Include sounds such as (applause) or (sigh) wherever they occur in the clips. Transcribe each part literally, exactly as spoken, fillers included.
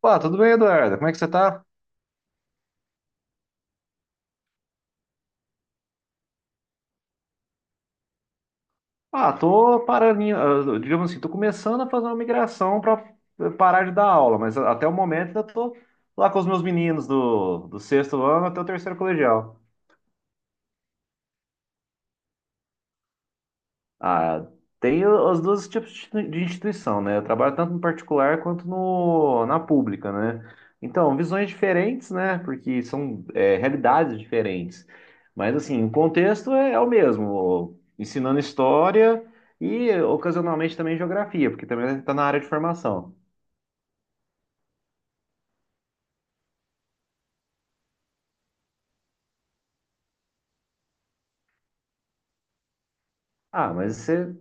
Pá, tudo bem, Eduardo? Como é que você tá? Ah, tô parando, em- ah, digamos assim, tô começando a fazer uma migração para parar de dar aula, mas a- até o momento ainda tô lá com os meus meninos do, do sexto ano até o terceiro colegial. Ah, tem o- os dois tipos de institui- de instituição, né? Eu trabalho tanto no particular quanto no, na pública, né? Então, visões diferentes, né? Porque são, é, realidades diferentes. Mas, assim, o contexto é, é o mesmo, ensinando história e, ocasionalmente, também geografia, porque também está na área de formação. Ah, mas você.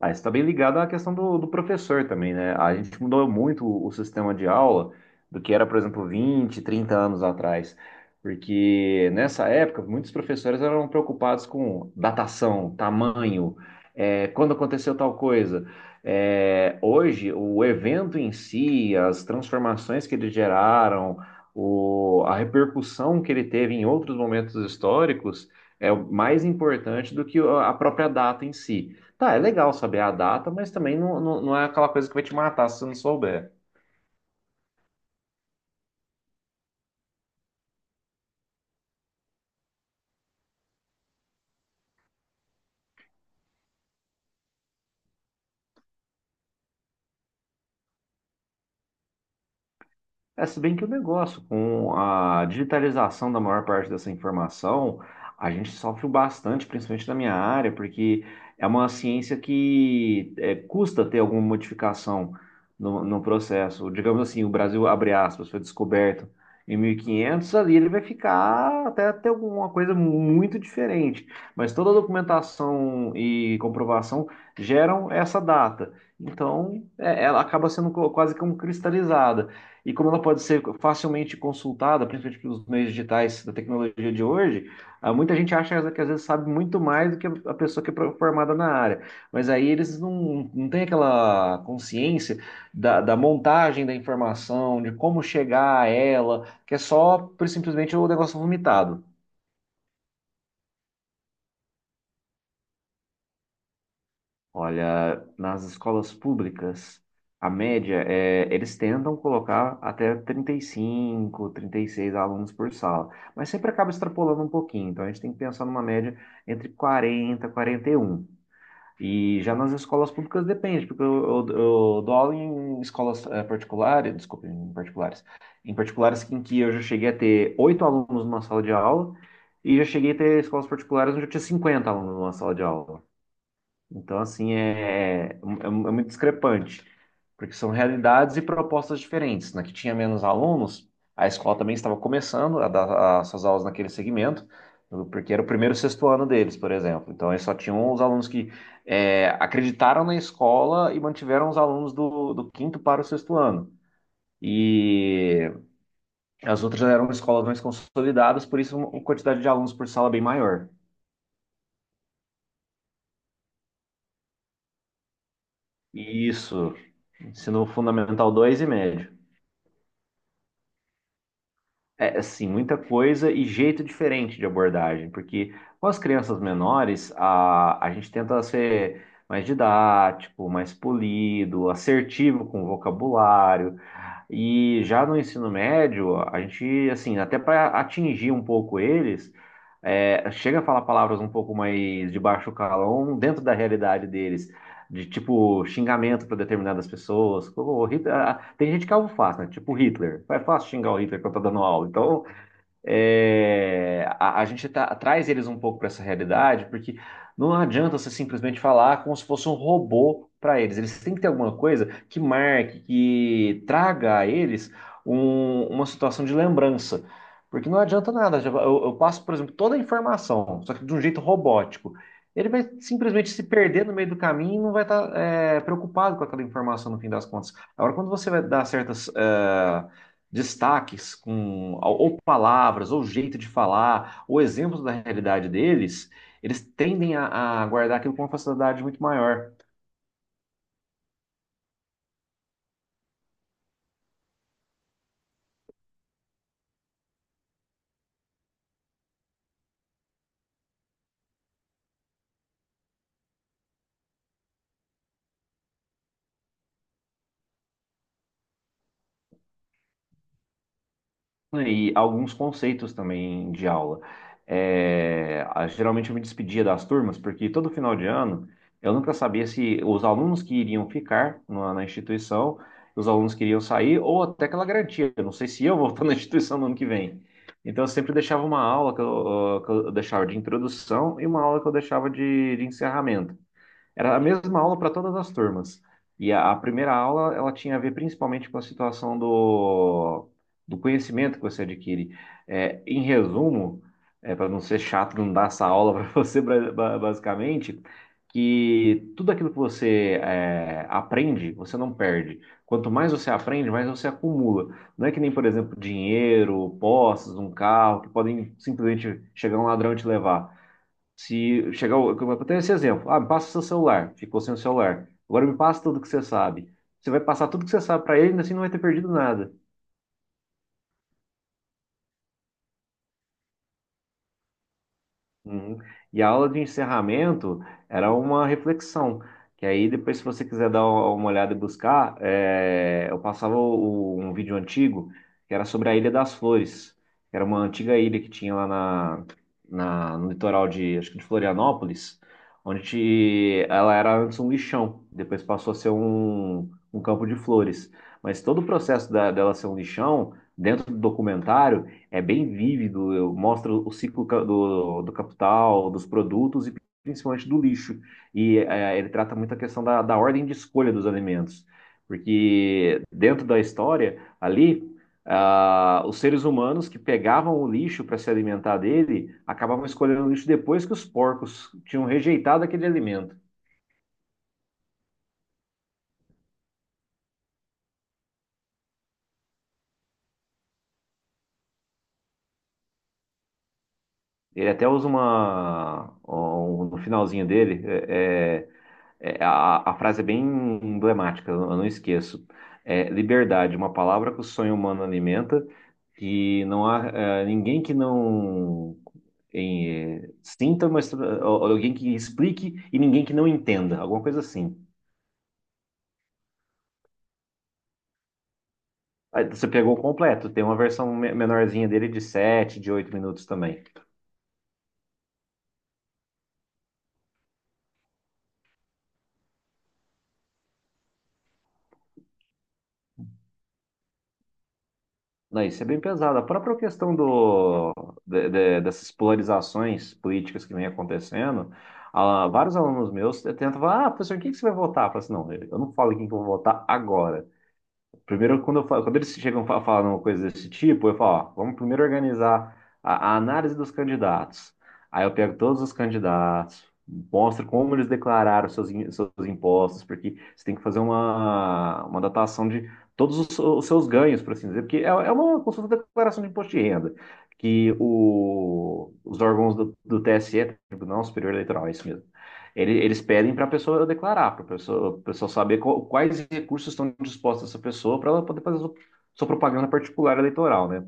Ah, isso está bem ligado à questão do, do professor também, né? A gente mudou muito o, o sistema de aula do que era, por exemplo, vinte, trinta anos atrás. Porque nessa época, muitos professores eram preocupados com datação, tamanho, eh, quando aconteceu tal coisa. Eh, hoje, o evento em si, as transformações que ele geraram, o, a repercussão que ele teve em outros momentos históricos, é o mais importante do que a própria data em si. Tá, é legal saber a data, mas também não, não, não é aquela coisa que vai te matar se você não souber. É, se bem que o negócio, com a digitalização da maior parte dessa informação, a gente sofre bastante, principalmente na minha área, porque é uma ciência que é, custa ter alguma modificação no, no processo. Digamos assim, o Brasil, abre aspas, foi descoberto em mil e quinhentos, ali ele vai ficar até ter alguma coisa muito diferente. Mas toda a documentação e comprovação geram essa data. Então, é, ela acaba sendo co- quase como cristalizada. E como ela pode ser facilmente consultada, principalmente pelos meios digitais da tecnologia de hoje, ah, muita gente acha que às vezes sabe muito mais do que a pessoa que é pro- formada na área. Mas aí eles não, não têm aquela consciência da, da montagem da informação, de como chegar a ela, que é só por- simplesmente o negócio vomitado. Olha, nas escolas públicas, a média é, eles tentam colocar até trinta e cinco, trinta e seis alunos por sala, mas sempre acaba extrapolando um pouquinho, então a gente tem que pensar numa média entre quarenta e quarenta e um. E já nas escolas públicas depende, porque eu, eu- eu dou aula em escolas eh, particulares, desculpa, em particulares, em particulares em que eu já cheguei a ter oito alunos numa sala de aula, e já cheguei a ter escolas particulares onde eu tinha cinquenta alunos numa sala de aula. Então, assim, é, é, é é muito discrepante, porque são realidades e propostas diferentes. Na que tinha menos alunos, a escola também estava começando a dar as suas aulas naquele segmento, porque era o primeiro e sexto ano deles, por exemplo. Então, eles só tinham os alunos que é, acreditaram na escola e mantiveram os alunos do, do quinto para o sexto ano. E as outras eram escolas mais consolidadas, por isso uma quantidade de alunos por sala bem maior. E isso, ensino fundamental dois e médio. É, assim, muita coisa e jeito diferente de abordagem, porque com as crianças menores, a, a gente tenta ser mais didático, mais polido, assertivo com o vocabulário, e já no ensino médio, a gente, assim, até para atingir um pouco eles, é, chega a falar palavras um pouco mais de baixo calão dentro da realidade deles, de tipo xingamento para determinadas pessoas. Como o Hitler- ah, tem gente que é alvo fácil, né? Tipo Hitler. É fácil xingar o Hitler quando tá dando aula. Então, é, a, a gente tá- traz eles um pouco para essa realidade, porque não adianta você simplesmente falar como se fosse um robô para eles. Eles têm que ter alguma coisa que marque, que traga a eles um- uma situação de lembrança. Porque não adianta nada. Eu, eu passo, por exemplo, toda a informação, só que de um jeito robótico. Ele vai simplesmente se perder no meio do caminho e não vai estar preocupado com aquela informação no fim das contas. Agora, quando você vai dar certas, eh, destaques com ou palavras, ou jeito de falar, ou exemplos da realidade deles, eles tendem a, a guardar aquilo com uma facilidade muito maior. E alguns conceitos também de aula. É, a- geralmente eu me despedia das turmas, porque todo final de ano eu nunca sabia se os alunos que iriam ficar na, na instituição, os alunos que iriam sair, ou até aquela garantia, eu não sei se eu vou estar na (laughs) instituição no ano que vem. Então eu sempre deixava uma aula que eu, que eu deixava de introdução e uma aula que eu deixava de, de encerramento. Era a mesma aula para todas as turmas. E a, a primeira aula, ela tinha a ver principalmente com a situação do, do conhecimento que você adquire. É, em resumo, para não ser chato, não dar essa aula (laughs) para você, bra- ba- basicamente, que tudo aquilo que você é, aprende, você não perde. Quanto mais você aprende, mais você acumula. Não é que nem, por exemplo, dinheiro, posses, um carro, que podem simplesmente chegar um ladrão e te levar. Se chegar, o- eu tenho esse exemplo. Ah, me passa seu celular. Ficou sem o celular. Agora me passa tudo que você sabe. Você vai passar tudo que você sabe para ele, e assim não vai ter perdido nada. Uhum. E a aula de encerramento era uma reflexão, que aí depois, se você quiser dar uma olhada e buscar, é, eu passava o- um vídeo antigo que era sobre a Ilha das Flores, que era uma antiga ilha que tinha lá na, na- no litoral de, acho que de Florianópolis, onde te- ela era antes um lixão, depois passou a ser um, um campo de flores. Mas todo o processo da- dela ser um lixão, dentro do documentário, é bem vívido, eu mostro o ciclo ca- do, do capital, dos produtos e principalmente do lixo. E eh, ele trata muito a questão da, da ordem de escolha dos alimentos, porque dentro da história, ali, ah, os seres humanos que pegavam o lixo para se alimentar dele acabavam escolhendo o lixo depois que os porcos tinham rejeitado aquele alimento. Ele até usa uma, um- no finalzinho dele, é, é, é, a, a frase é bem emblemática, eu não esqueço. É, liberdade, uma palavra que o sonho humano alimenta, que não há é, ninguém que não em, é, sinta, mas tra- ou- ou alguém que explique e ninguém que não entenda, alguma coisa assim. Aí você pegou o completo, tem uma versão me- menorzinha dele de sete, de oito minutos também. Não, isso é bem pesado. A própria questão do, de- de- dessas polarizações políticas que vem acontecendo, ah, vários alunos meus tentam falar, ah, professor, em quem que você vai votar? Eu falo assim, não, eu não falo em quem que eu vou votar agora. Primeiro, quando, eu falo, quando eles chegam a falar uma coisa desse tipo, eu falo, ó, vamos primeiro organizar a, a análise dos candidatos. Aí eu pego todos os candidatos, mostro como eles declararam seus, in- seus impostos, porque você tem que fazer uma, uma datação de todos os, os seus ganhos, por assim dizer, porque é, é uma consulta de declaração de imposto de renda, que o, os órgãos do, do T S E, Tribunal Superior Eleitoral, é isso mesmo, ele- eles pedem para a pessoa declarar, para a pessoa, pessoa saber qual- quais recursos estão dispostos a essa pessoa para ela poder fazer sua, sua propaganda particular eleitoral, né?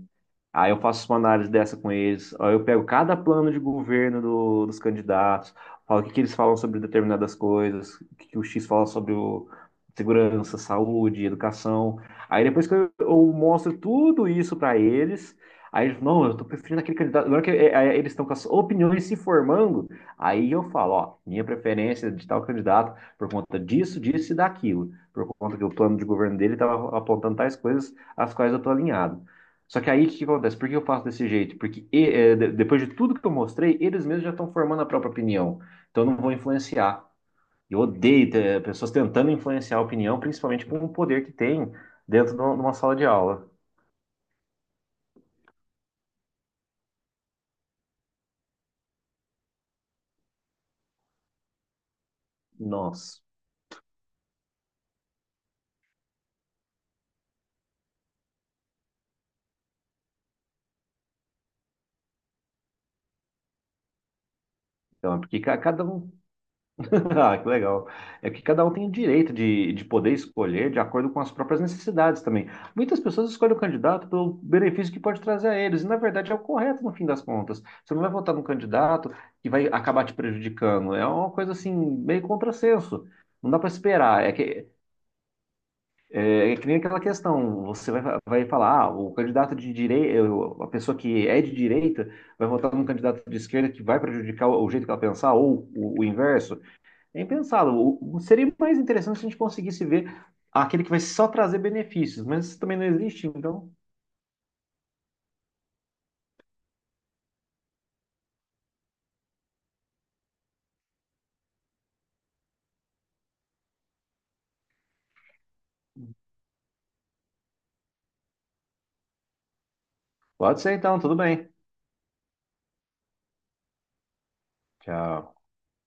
Aí eu faço uma análise dessa com eles. Aí eu pego cada plano de governo do- dos candidatos, falo o que, que eles falam sobre determinadas coisas, o que, que o X fala sobre o- segurança, saúde, educação. Aí depois que eu, eu mostro tudo isso para eles, aí eles, não, eu tô preferindo aquele candidato. Agora que é, é, eles estão com as opiniões se formando, aí eu falo, ó, minha preferência é de tal candidato por conta disso, disso e daquilo. Por conta que o plano de governo dele estava apontando tais coisas às quais eu tô alinhado. Só que aí o que que acontece? Por que eu faço desse jeito? Porque e- é, de- depois de tudo que eu mostrei, eles mesmos já estão formando a própria opinião. Então eu não vou influenciar. Eu odeio ter pessoas tentando influenciar a opinião, principalmente com o poder que tem dentro de uma de uma sala de aula. Nossa. Então, é porque ca- cada um (laughs) Ah, que legal. É que cada um tem o direito de, de poder escolher de acordo com as próprias necessidades também. Muitas pessoas escolhem o candidato pelo benefício que pode trazer a eles, e na verdade é o correto no fim das contas. Você não vai votar num candidato que vai acabar te prejudicando. É uma coisa assim, meio contrassenso. Não dá para esperar. É que, é, é que nem aquela questão: você vai, vai falar, ah, o candidato de direita, a pessoa que é de direita, vai votar num candidato de esquerda que vai prejudicar o, o jeito que ela pensar, ou o o inverso. Nem pensado. O- o- Seria mais interessante se a gente conseguisse ver aquele que vai só trazer benefícios, mas isso também não existe, então. Pode ser então, tudo bem. Tchau.